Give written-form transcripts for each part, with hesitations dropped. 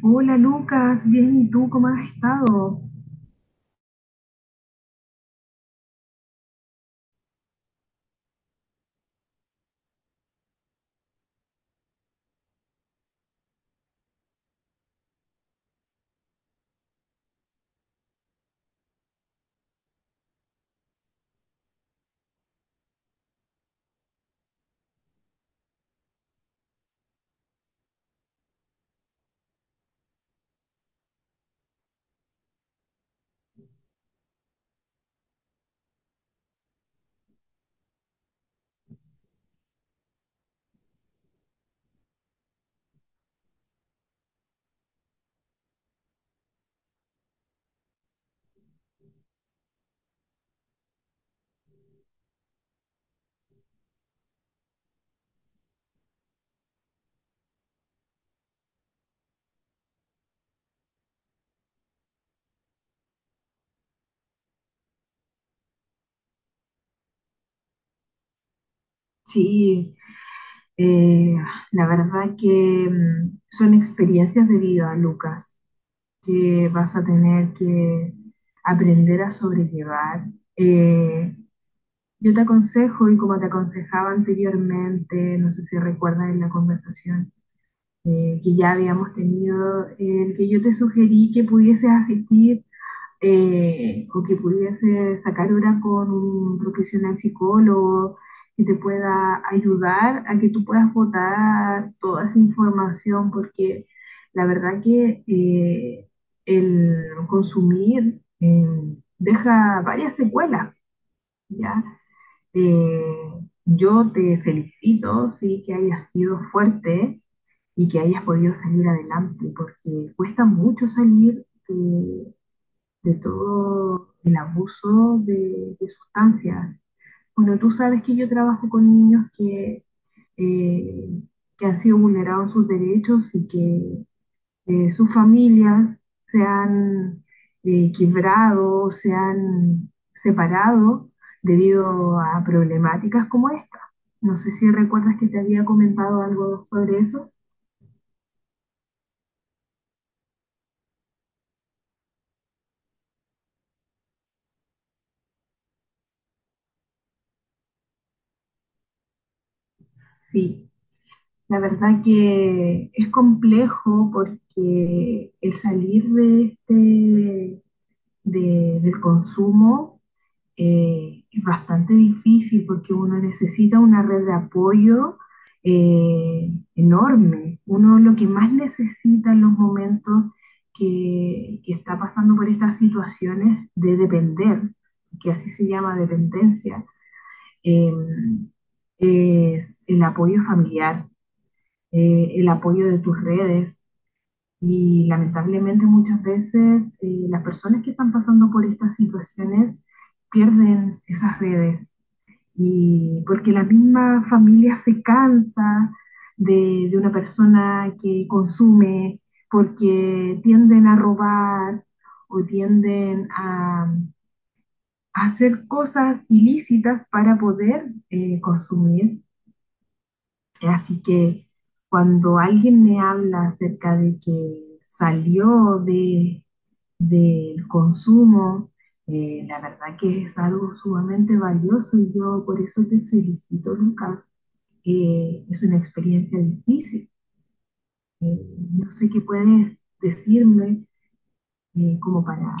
Hola Lucas, bien, ¿y tú cómo has estado? Sí, eh, la verdad que son experiencias de vida, Lucas, que vas a tener que aprender a sobrellevar. Eh, yo te aconsejo, y como te aconsejaba anteriormente, no sé si recuerdas en la conversación que ya habíamos tenido, el que yo te sugerí que pudieses asistir o que pudiese sacar hora con un profesional psicólogo que te pueda ayudar a que tú puedas votar toda esa información, porque la verdad que el consumir deja varias secuelas, ¿ya? Eh, yo te felicito, sí, que hayas sido fuerte y que hayas podido salir adelante, porque cuesta mucho salir de todo el abuso de sustancias. Bueno, tú sabes que yo trabajo con niños eh, que han sido vulnerados sus derechos y que sus familias se han quebrado, se han separado debido a problemáticas como esta. No sé si recuerdas que te había comentado algo sobre eso. Sí. La verdad que es complejo porque el salir de este, del consumo es bastante difícil porque uno necesita una red de apoyo eh, enorme. Uno lo que más necesita en los momentos que está pasando por estas situaciones de depender, que así se llama dependencia, eh, es el apoyo familiar, el apoyo de tus redes. Y lamentablemente muchas veces las personas que están pasando por estas situaciones pierden esas redes, y porque la misma familia se cansa de una persona que consume, porque tienden a robar o tienden a hacer cosas ilícitas para poder consumir. Así que cuando alguien me habla acerca de que salió del consumo, la verdad que es algo sumamente valioso, y yo por eso te felicito, Lucas. Es una experiencia difícil. Eh, no sé qué puedes decirme como para.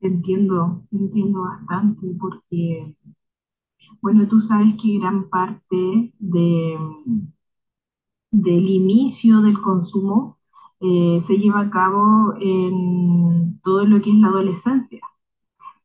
Te entiendo bastante porque, bueno, tú sabes que gran parte del inicio del consumo se lleva a cabo en todo lo que es la adolescencia,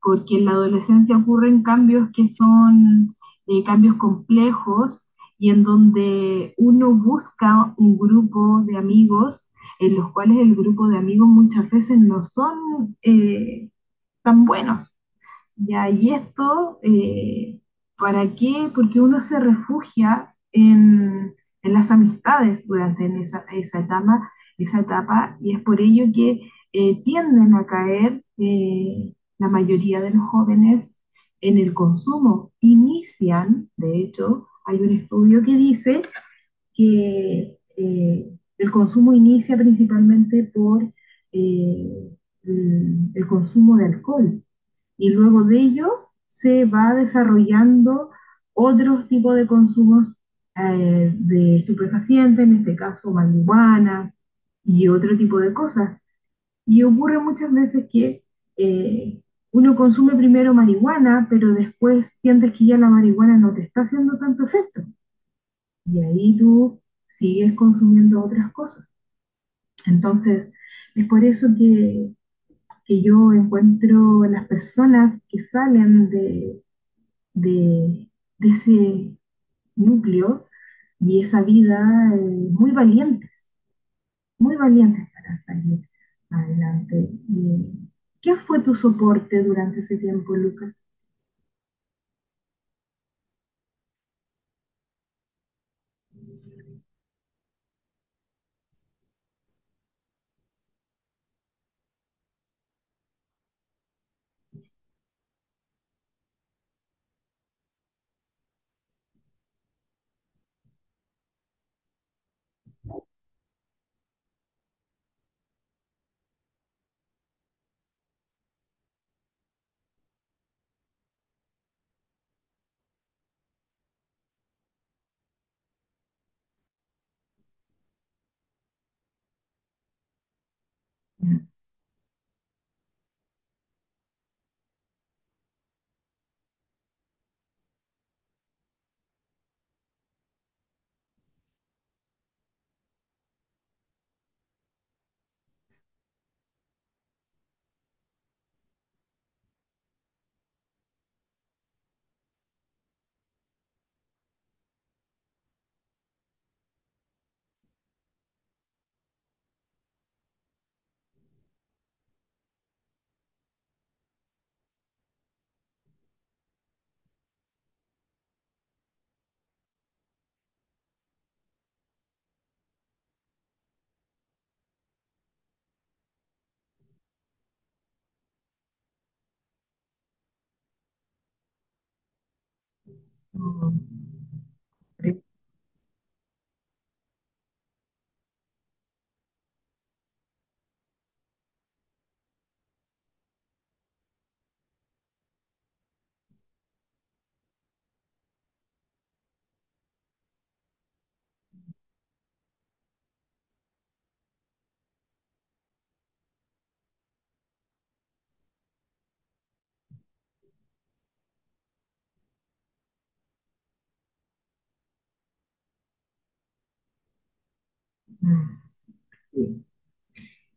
porque en la adolescencia ocurren cambios que son cambios complejos, y en donde uno busca un grupo de amigos, en los cuales el grupo de amigos muchas veces no son tan buenos. Ya, y esto, ¿para qué? Porque uno se refugia en las amistades durante en esa etapa, y es por ello que tienden a caer la mayoría de los jóvenes en el consumo. Inician, de hecho, hay un estudio que dice que el consumo inicia principalmente por eh, el consumo de alcohol, y luego de ello se va desarrollando otros tipos de consumos, de estupefacientes, en este caso marihuana y otro tipo de cosas. Y ocurre muchas veces que eh, uno consume primero marihuana, pero después sientes que ya la marihuana no te está haciendo tanto efecto. Y ahí tú sigues consumiendo otras cosas. Entonces, es por eso que yo encuentro las personas que salen de, de ese núcleo y esa vida eh, muy valientes, muy valientes para salir adelante. ¿Qué fue tu soporte durante ese tiempo, Lucas?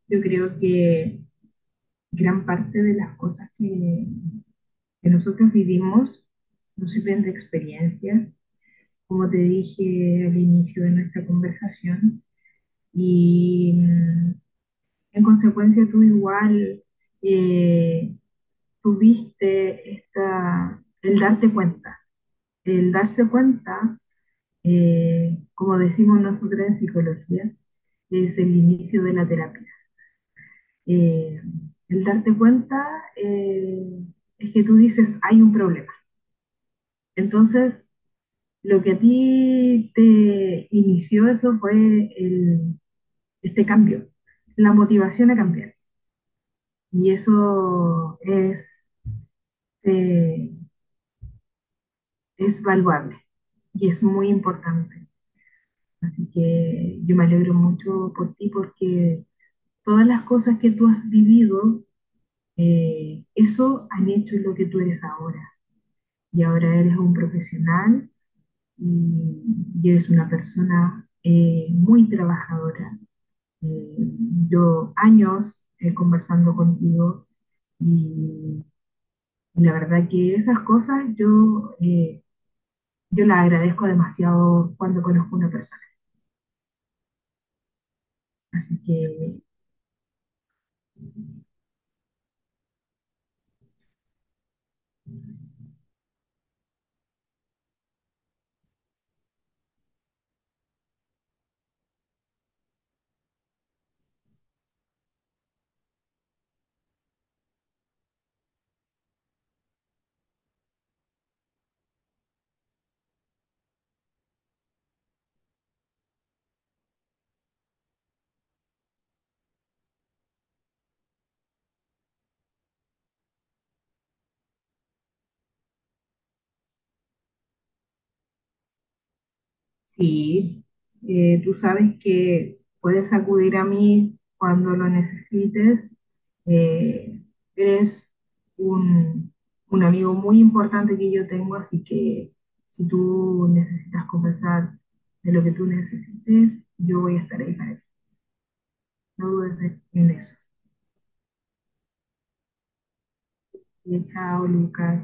Yo creo que gran parte de las cosas que nosotros vivimos nos sirven de experiencia, como te dije al inicio de nuestra conversación, y en consecuencia, tú igual eh, tuviste esta, el darte cuenta. El darse cuenta, como decimos nosotros en psicología, es el inicio de la terapia. Eh, el darte cuenta es que tú dices, hay un problema. Entonces, lo que a ti te inició eso fue el, este cambio, la motivación a cambiar. Y eso eh, es valuable y es muy importante. Así que yo me alegro mucho por ti, porque todas las cosas que tú has vivido, eso han hecho lo que tú eres ahora. Y ahora eres un profesional, y, y eres una persona muy trabajadora. Eh, yo años conversando contigo, y, y, la verdad que esas cosas yo, yo las agradezco demasiado cuando conozco a una persona. Así que sí, tú sabes que puedes acudir a mí cuando lo necesites. Eh, Eres un, un, amigo muy importante que yo tengo, así que si tú necesitas conversar de lo que tú necesites, yo voy a estar ahí para ti. No dudes en eso. Y chao, Lucas.